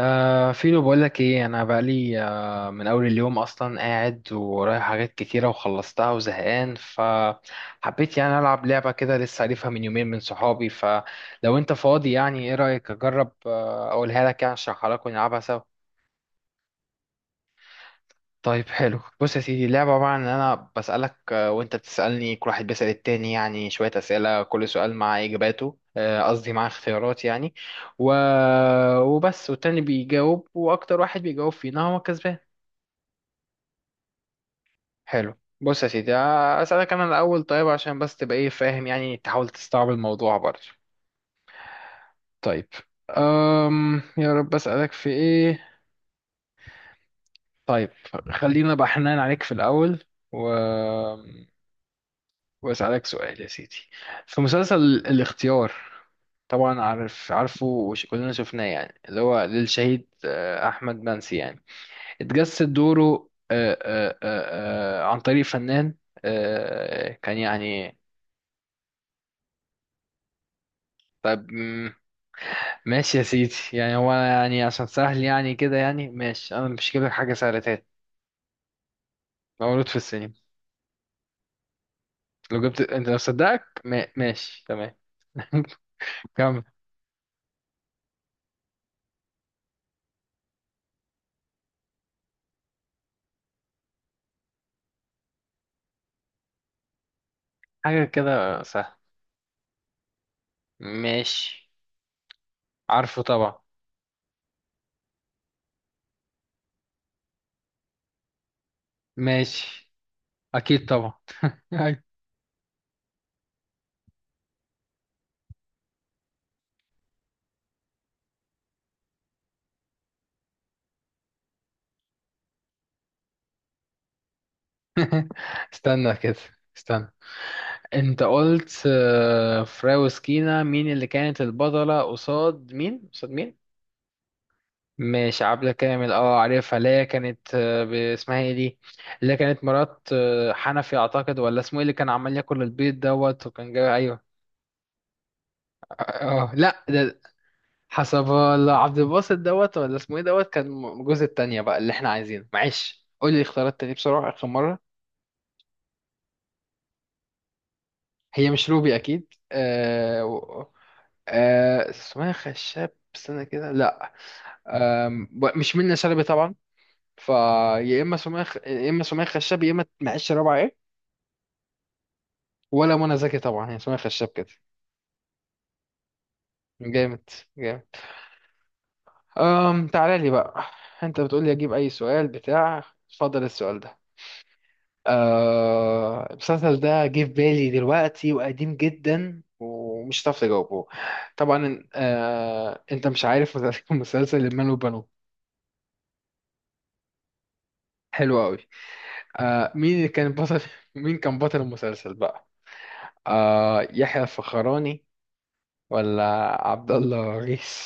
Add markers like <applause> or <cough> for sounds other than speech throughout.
فيلو، بقولك ايه؟ انا بقالي من اول اليوم اصلا قاعد ورايح حاجات كتيره وخلصتها وزهقان، فحبيت يعني العب لعبه كده، لسه عارفها من يومين من صحابي. فلو انت فاضي يعني، ايه رايك اجرب اقولها لك يعني، اشرحها لك ونلعبها سوا؟ طيب <laughs> حلو. بص يا سيدي، اللعبه عباره عن ان انا بسالك وانت بتسالني، كل واحد بيسال التاني، يعني شويه اسئله، كل سؤال مع اجاباته قصدي مع اختيارات يعني. و... وبس، والتاني بيجاوب، واكتر واحد بيجاوب فينا هو كسبان. حلو. بص يا سيدي، أسألك أنا الأول، طيب عشان بس تبقى إيه فاهم، يعني تحاول تستوعب الموضوع برضه. طيب. يا رب أسألك في إيه. طيب، خلينا بقى حنان عليك في الأول. و... وأسألك سؤال يا سيدي، في مسلسل الاختيار. طبعا عارف، عارفه، وكلنا شفناه، يعني اللي هو للشهيد أحمد منسي يعني، اتجسد دوره عن طريق فنان كان يعني. طيب، ماشي يا سيدي، يعني هو أنا يعني عشان سهل يعني كده يعني، ماشي انا مش هجيب لك حاجه سهله تاني. مولود في السينما. لو جبت انت، لو صدقك ما... ماشي، تمام. <laughs> كمل. حاجه كده سهله. ماشي. عارفه طبعا. ماشي. اكيد طبعا. <laughs> أيوة. <laughs> استنى كده، استنى. انت قلت فراوسكينا مين اللي كانت البطله؟ قصاد مين؟ قصاد مين؟ ماشي، عبلة كامل، اه عارفها، اللي هي كانت اسمها ايه دي، اللي هي كانت مرات حنفي اعتقد، ولا اسمه ايه، اللي كان عمال ياكل البيض، وكان جاي، ايوه. اه. لا ده، حسب الله، عبد الباسط، ولا اسمه ايه، كان جوز التانية بقى اللي احنا عايزينه. معلش قول لي اختيارات تاني بسرعة، اخر مرة. هي مش روبي اكيد، آه اسمها خشاب، استنى كده، لا. آه، مش منة شلبي طبعا. فيا اما يا اما سمية خشاب، يا اما معيش رابعة إيه؟ ولا منى زكي طبعا، هي سمية خشاب كده. جامد. جامد. تعالى لي بقى. انت بتقول لي اجيب اي سؤال بتاع؟ اتفضل السؤال ده. المسلسل ده جه في بالي دلوقتي، وقديم جدا ومش هتعرف تجاوبه. طبعا انت مش عارف. <laughs> مسلسل المال والبنون. حلو قوي. مين اللي كان بطل <laughs> مين كان بطل المسلسل بقى؟ يحيى الفخراني، ولا عبد الله غيث،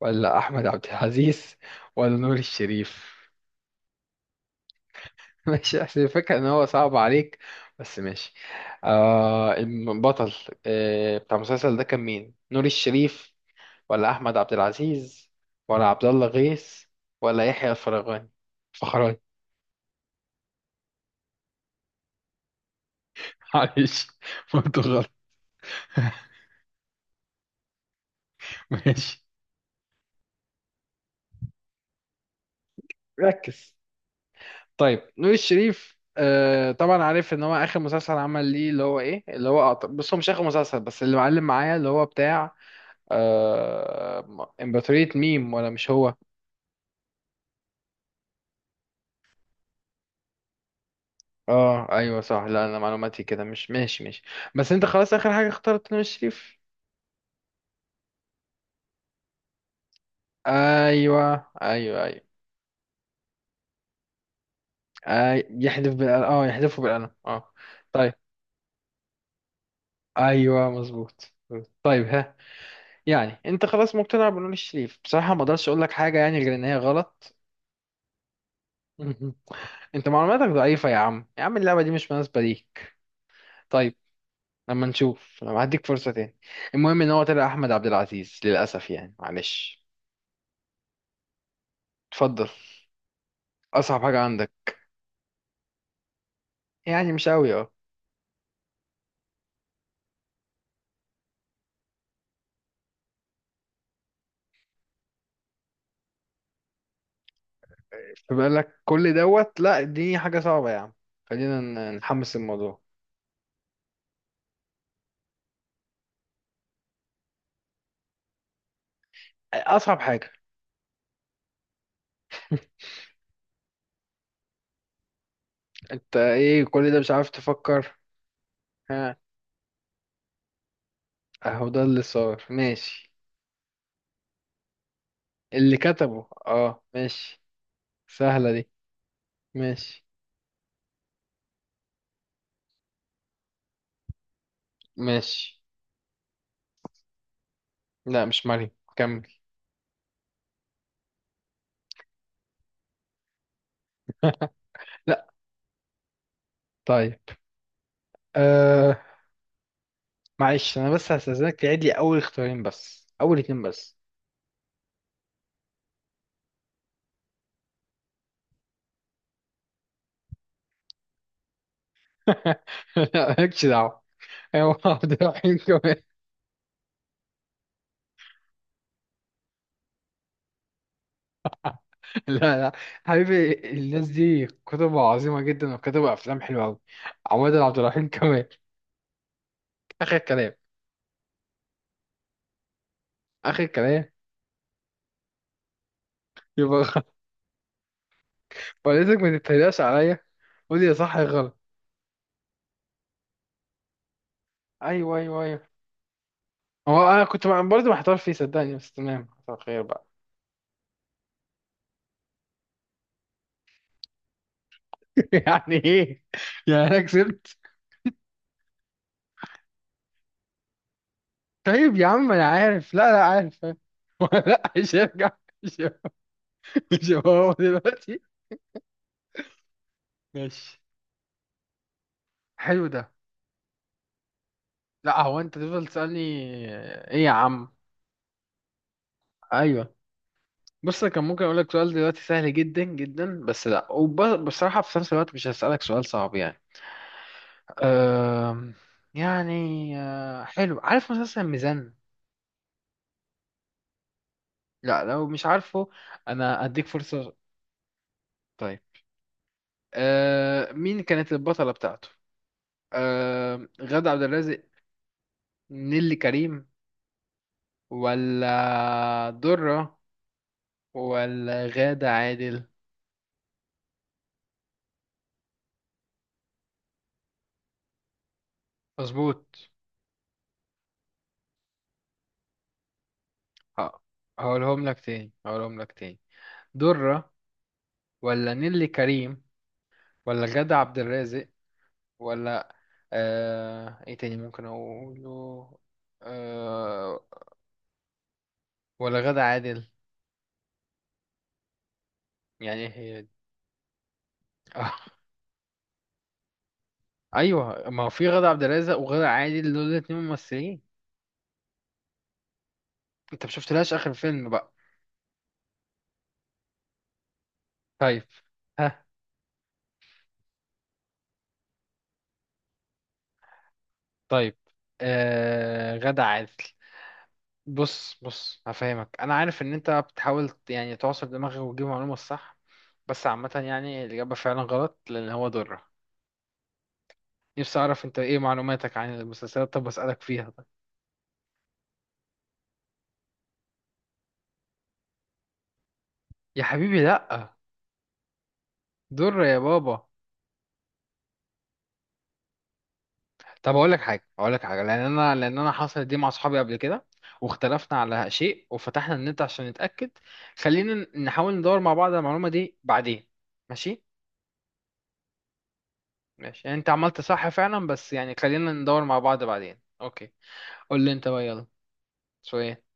ولا احمد عبد العزيز، ولا نور الشريف؟ <laughs> ماشي، احسن الفكره ان هو صعب عليك. بس ماشي. البطل بتاع المسلسل ده كان مين؟ نور الشريف، ولا احمد عبد العزيز، ولا عبد الله غيث، ولا يحيى الفرغاني، فخراني. <laughs> معلش، قلت غلط. <laughs> ماشي، ركز. طيب، نور الشريف، طبعا عارف ان هو اخر مسلسل عمل ليه، اللي هو ايه، اللي هو بص، هو مش اخر مسلسل، بس اللي معلم معايا اللي هو بتاع امبراطورية ميم، ولا مش هو؟ اه، ايوه صح، لا انا معلوماتي كده مش ماشي. ماشي، بس انت خلاص اخر حاجة اخترت نور الشريف. ايوه ايوه ايوه. يحذف بالقلم، اه يحذفه بالقلم، اه. طيب، ايوه مظبوط. طيب، ها. يعني انت خلاص مقتنع بنور الشريف، بصراحة ما اقدرش اقول لك حاجة يعني غير ان هي غلط. <laughs> انت معلوماتك ضعيفة يا عم، يا عم اللعبة دي مش مناسبة ليك. طيب، لما نشوف، لما هديك فرصة تاني. المهم ان هو طلع احمد عبد العزيز، للاسف يعني، معلش. اتفضل، اصعب حاجة عندك. يعني مش قوي، اه. فبقول لك كل لا اديني حاجة صعبة يا عم، خلينا نحمس الموضوع. اصعب حاجة. انت ايه، كل ده مش عارف تفكر؟ ها. اهو ده اللي صار، ماشي. اللي كتبه، ماشي. سهلة دي. ماشي. ماشي. لا، مش مريم، كمل. <laughs> لا. طيب، آه، معلش انا بس هستأذنك تعيد لي اول اختيارين بس، اول اتنين بس. <laughs> لا مالكش دعوه. ايوه عبد الرحيم كمان. <laughs> لا لا. حبيبي، الناس دي كتب عظيمه جدا، وكتب افلام حلوه قوي. عماد عبد الرحيم كمان. اخر كلام، اخر كلام. يبقى غلط. <laughs> وليتك ما تتريقش عليا، قول لي يا صح يا غلط. ايوه ايوه ايوه. هو انا كنت برضه محتار فيه صدقني، بس تمام، حصل خير بقى. <laughs> يعني ايه، يعني انا كسبت؟ طيب يا عم، انا عارف، لا لا عارف. <laughs> لا، مش هيرجع. مش هيرجع. مش هو هو دلوقتي. ماشي. حلو ده. لا، هو انت تفضل تسألني. ايه يا عم؟ ايوه. بص، أنا كان ممكن اقول لك سؤال دلوقتي سهل جدا جدا، بس لا، وبصراحة في نفس الوقت مش هسألك سؤال صعب يعني. أم... يعني، حلو، عارف مسلسل ميزان؟ لا لو مش عارفه انا اديك فرصة. طيب. مين كانت البطلة بتاعته؟ غادة عبد الرازق، نيلي كريم، ولا درة، ولا غادة عادل؟ مظبوط. ه- هقولهم لك تاني، هقولهم لك تاني. درة، ولا نيلي كريم، ولا غادة عبد الرازق، ولا ايه تاني ممكن اقوله، آه... ولا غادة عادل. يعني ايه، <laughs> هي دي؟ آه. ايوه، ما هو في غادة عبد الرازق وغادة عادل، دول الاتنين ممثلين. انت مشفتلهاش اخر فيلم بقى. طيب. ها. طيب، غادة عادل. بص بص، هفهمك، انا عارف ان انت بتحاول يعني تعصر دماغك وتجيب المعلومه الصح، بس عامه يعني الاجابه فعلا غلط، لان هو ضره. نفسي اعرف انت ايه معلوماتك عن المسلسلات، طب اسالك فيها طيب. يا حبيبي لا. ضر يا بابا. طب اقول لك حاجه، اقول لك حاجه، لان انا حصلت دي مع اصحابي قبل كده، واختلفنا على شيء وفتحنا النت عشان نتاكد. خلينا نحاول ندور مع بعض على المعلومه دي بعدين. ماشي، ماشي. يعني انت عملت صح فعلا، بس يعني خلينا ندور مع بعض بعدين، اوكي. قول لي انت بقى، يلا، شوية.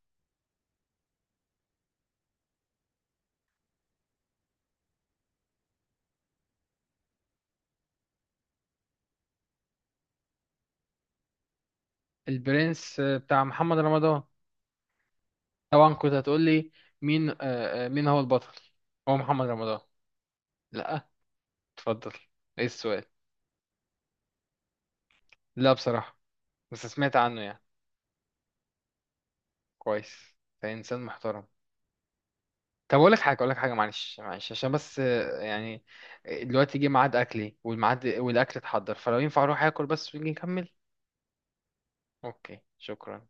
البرنس بتاع محمد رمضان؟ طبعا، كنت هتقول لي مين مين هو البطل؟ هو محمد رمضان؟ لا. اتفضل، ايه السؤال؟ لا بصراحة، بس سمعت عنه يعني. كويس، ده انسان محترم. طب اقول لك حاجة، اقول لك حاجة، معلش معلش، عشان بس يعني، دلوقتي جه ميعاد اكلي، والميعاد والاكل اتحضر، فلو ينفع اروح اكل بس ونيجي نكمل. اوكي، شكرا.